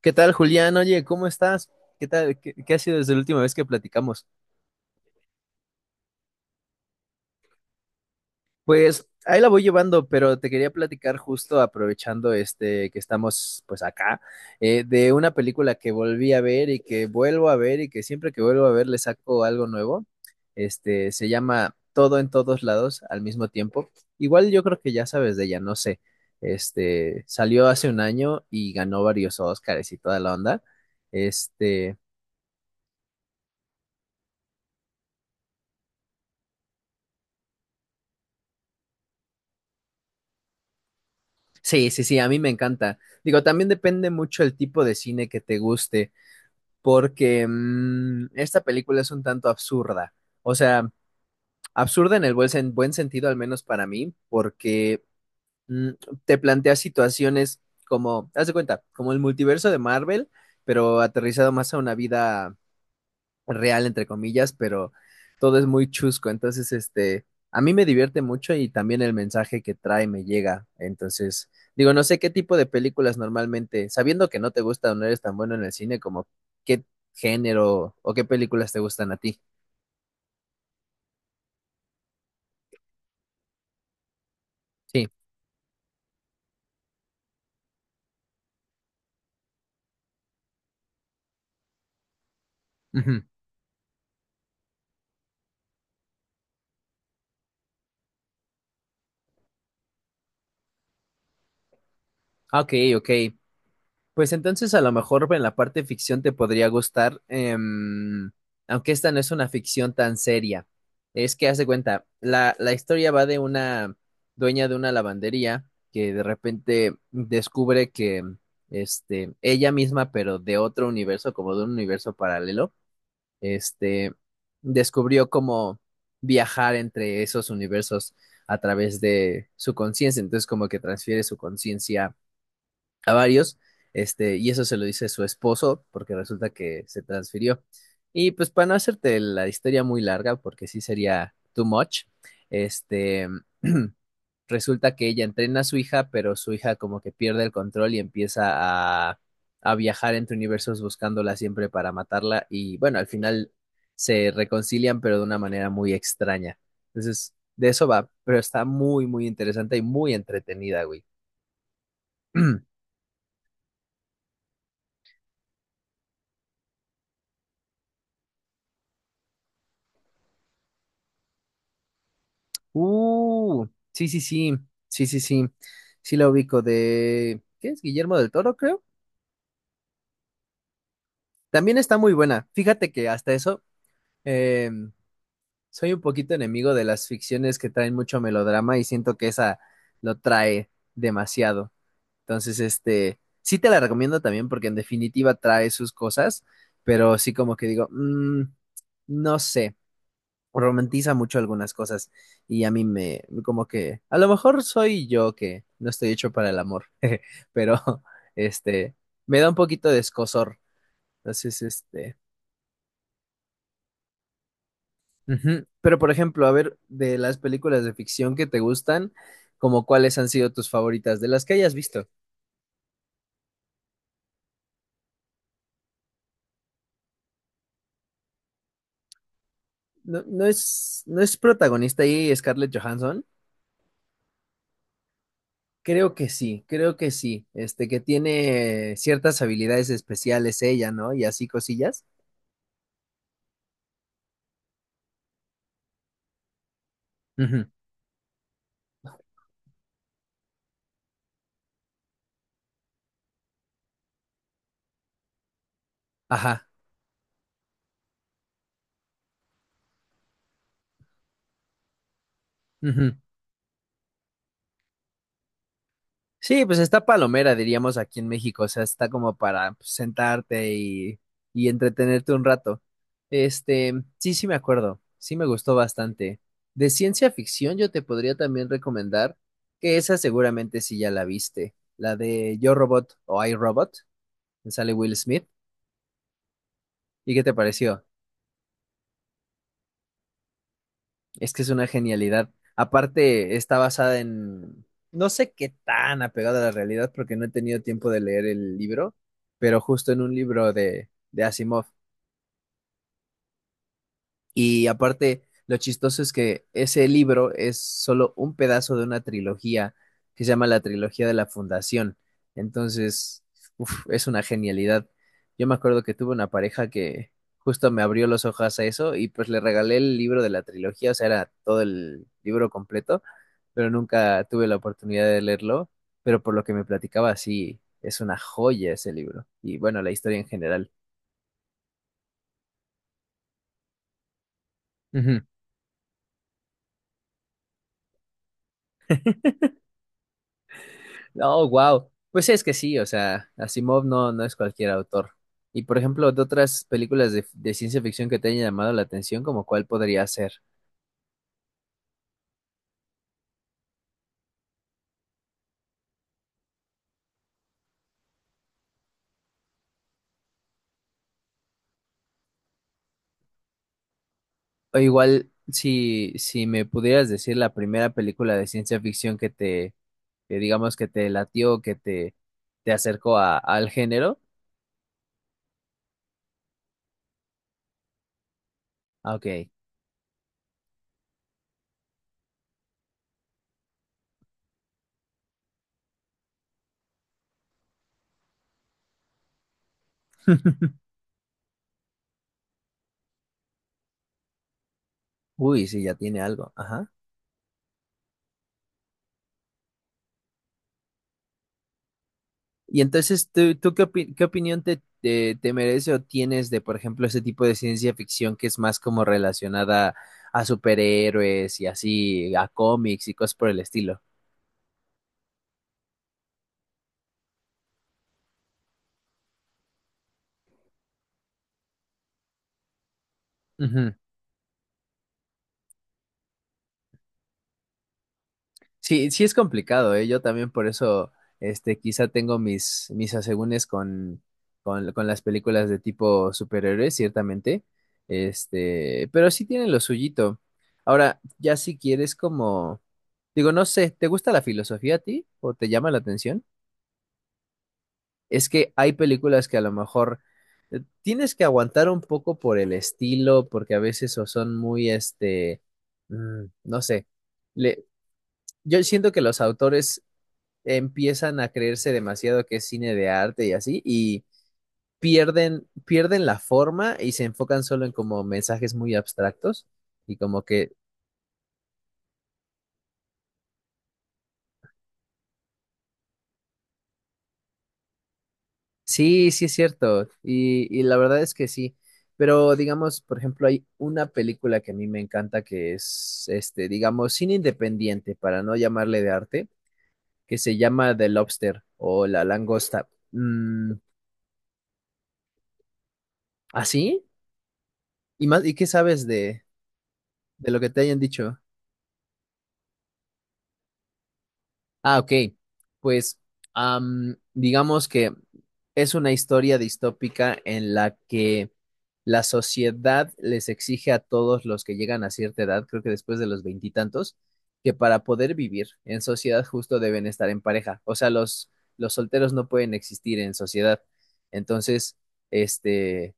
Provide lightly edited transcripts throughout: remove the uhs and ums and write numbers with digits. ¿Qué tal, Julián? Oye, ¿cómo estás? ¿Qué tal? ¿¿Qué ha sido desde la última vez que platicamos? Pues ahí la voy llevando, pero te quería platicar justo aprovechando este que estamos pues acá, de una película que volví a ver y que vuelvo a ver y que siempre que vuelvo a ver le saco algo nuevo. Este se llama Todo en todos lados al mismo tiempo. Igual yo creo que ya sabes de ella, no sé. Este salió hace un año y ganó varios Oscars y toda la onda. Este. Sí, sí, sí, a mí me encanta. Digo, también depende mucho el tipo de cine que te guste, porque esta película es un tanto absurda. O sea, absurda en el buen, buen sentido, al menos para mí, porque mm, te plantea situaciones como, haz de cuenta, como el multiverso de Marvel, pero aterrizado más a una vida real, entre comillas, pero todo es muy chusco. Entonces, este, a mí me divierte mucho y también el mensaje que trae me llega. Entonces, digo, no sé qué tipo de películas normalmente, sabiendo que no te gusta o no eres tan bueno en el cine, como qué género o qué películas te gustan a ti. Sí. Ujú. Ok, ok. Pues entonces a lo mejor en la parte ficción te podría gustar, aunque esta no es una ficción tan seria. Es que haz de cuenta, la historia va de una dueña de una lavandería que de repente descubre que este, ella misma, pero de otro universo, como de un universo paralelo, este, descubrió cómo viajar entre esos universos a través de su conciencia. Entonces como que transfiere su conciencia a varios, este, y eso se lo dice su esposo, porque resulta que se transfirió. Y pues para no hacerte la historia muy larga, porque sí sería too much, este, resulta que ella entrena a su hija, pero su hija como que pierde el control y empieza a viajar entre universos buscándola siempre para matarla, y bueno, al final se reconcilian, pero de una manera muy extraña. Entonces, de eso va, pero está muy, muy interesante y muy entretenida, güey. Uh, sí, sí, sí, sí, sí, sí, sí la ubico de, ¿qué es? Guillermo del Toro, creo. También está muy buena. Fíjate que hasta eso, eh, soy un poquito enemigo de las ficciones que traen mucho melodrama y siento que esa lo trae demasiado. Entonces, este, sí te la recomiendo también porque en definitiva trae sus cosas, pero sí como que digo, mm, no sé. Romantiza mucho algunas cosas y a mí me, como que, a lo mejor soy yo que no estoy hecho para el amor, pero este, me da un poquito de escozor. Entonces, este, ujú. Pero por ejemplo, a ver, de las películas de ficción que te gustan, como cuáles han sido tus favoritas, de las que hayas visto. No es, no es protagonista ahí Scarlett Johansson. Creo que sí, este, que tiene ciertas habilidades especiales ella, ¿no? Y así cosillas. Ujú. Ajá. Ujú. Sí, pues está palomera, diríamos aquí en México, o sea, está como para pues, sentarte y entretenerte un rato. Este, sí, sí me acuerdo, sí me gustó bastante. De ciencia ficción yo te podría también recomendar que esa seguramente sí ya la viste, la de Yo Robot o I Robot, que sale Will Smith. ¿Y qué te pareció? Es que es una genialidad. Aparte, está basada en, no sé qué tan apegada a la realidad porque no he tenido tiempo de leer el libro, pero justo en un libro de Asimov. Y aparte, lo chistoso es que ese libro es solo un pedazo de una trilogía que se llama la trilogía de la Fundación. Entonces, uf, es una genialidad. Yo me acuerdo que tuve una pareja que justo me abrió los ojos a eso y pues le regalé el libro de la trilogía, o sea, era todo el libro completo, pero nunca tuve la oportunidad de leerlo. Pero por lo que me platicaba, sí, es una joya ese libro. Y bueno, la historia en general. Ujú. Oh, wow. Pues es que sí, o sea, Asimov no, no es cualquier autor. Y por ejemplo, de otras películas de ciencia ficción que te hayan llamado la atención, ¿como cuál podría ser? O igual, si, si me pudieras decir la primera película de ciencia ficción que te, que digamos que te latió, que te acercó a, al género. Ah, ok. Uy, sí, ya tiene algo. Ajá. Y entonces, ¿tú, tú qué, qué opinión te, te, te merece o tienes de, por ejemplo, ese tipo de ciencia ficción que es más como relacionada a superhéroes y así, a cómics y cosas por el estilo? Ujú. Sí, sí es complicado, ¿eh? Yo también por eso, este, quizá tengo mis, mis asegúnes con, con las películas de tipo superhéroes, ciertamente, este, pero sí tienen lo suyito. Ahora, ya si quieres como, digo, no sé, ¿te gusta la filosofía a ti o te llama la atención? Es que hay películas que a lo mejor tienes que aguantar un poco por el estilo, porque a veces o son muy, este, mm, no sé. Le- yo siento que los autores empiezan a creerse demasiado que es cine de arte y así, y pierden la forma y se enfocan solo en como mensajes muy abstractos y como que sí, sí es cierto. Y la verdad es que sí. Pero digamos, por ejemplo, hay una película que a mí me encanta que es, este, digamos, cine independiente, para no llamarle de arte, que se llama The Lobster o La Langosta. Mm, ¿así? ¿Y más? ¿Y qué sabes de lo que te hayan dicho? Ah, ok. Pues am, digamos que es una historia distópica en la que la sociedad les exige a todos los que llegan a cierta edad, creo que después de los veintitantos, que para poder vivir en sociedad justo deben estar en pareja. O sea, los solteros no pueden existir en sociedad. Entonces, este,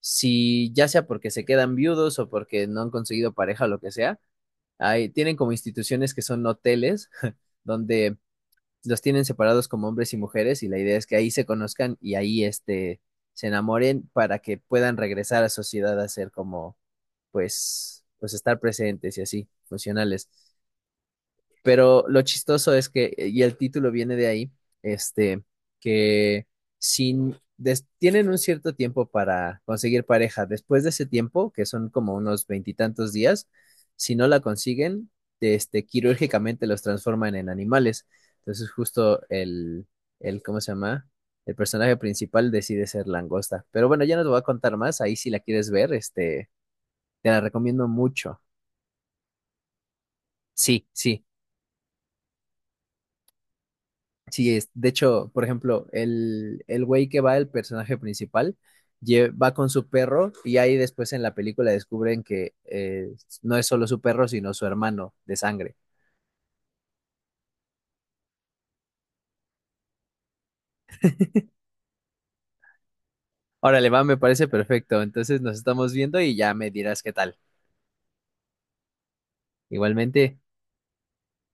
si ya sea porque se quedan viudos o porque no han conseguido pareja o lo que sea, hay, tienen como instituciones que son hoteles donde los tienen separados como hombres y mujeres y la idea es que ahí se conozcan y ahí este se enamoren para que puedan regresar a sociedad a ser como pues pues estar presentes y así, funcionales. Pero lo chistoso es que, y el título viene de ahí, este, que sin, tienen un cierto tiempo para conseguir pareja. Después de ese tiempo, que son como unos veintitantos días, si no la consiguen, este, quirúrgicamente los transforman en animales. Entonces, justo el, ¿cómo se llama? El personaje principal decide ser langosta. Pero bueno, ya no te voy a contar más. Ahí si la quieres ver, este, te la recomiendo mucho. Sí, sí, sí, es, de hecho, por ejemplo, el güey que va, el personaje principal, va con su perro y ahí después en la película descubren que no es solo su perro, sino su hermano de sangre. Órale, va, me parece perfecto. Entonces nos estamos viendo y ya me dirás qué tal. Igualmente.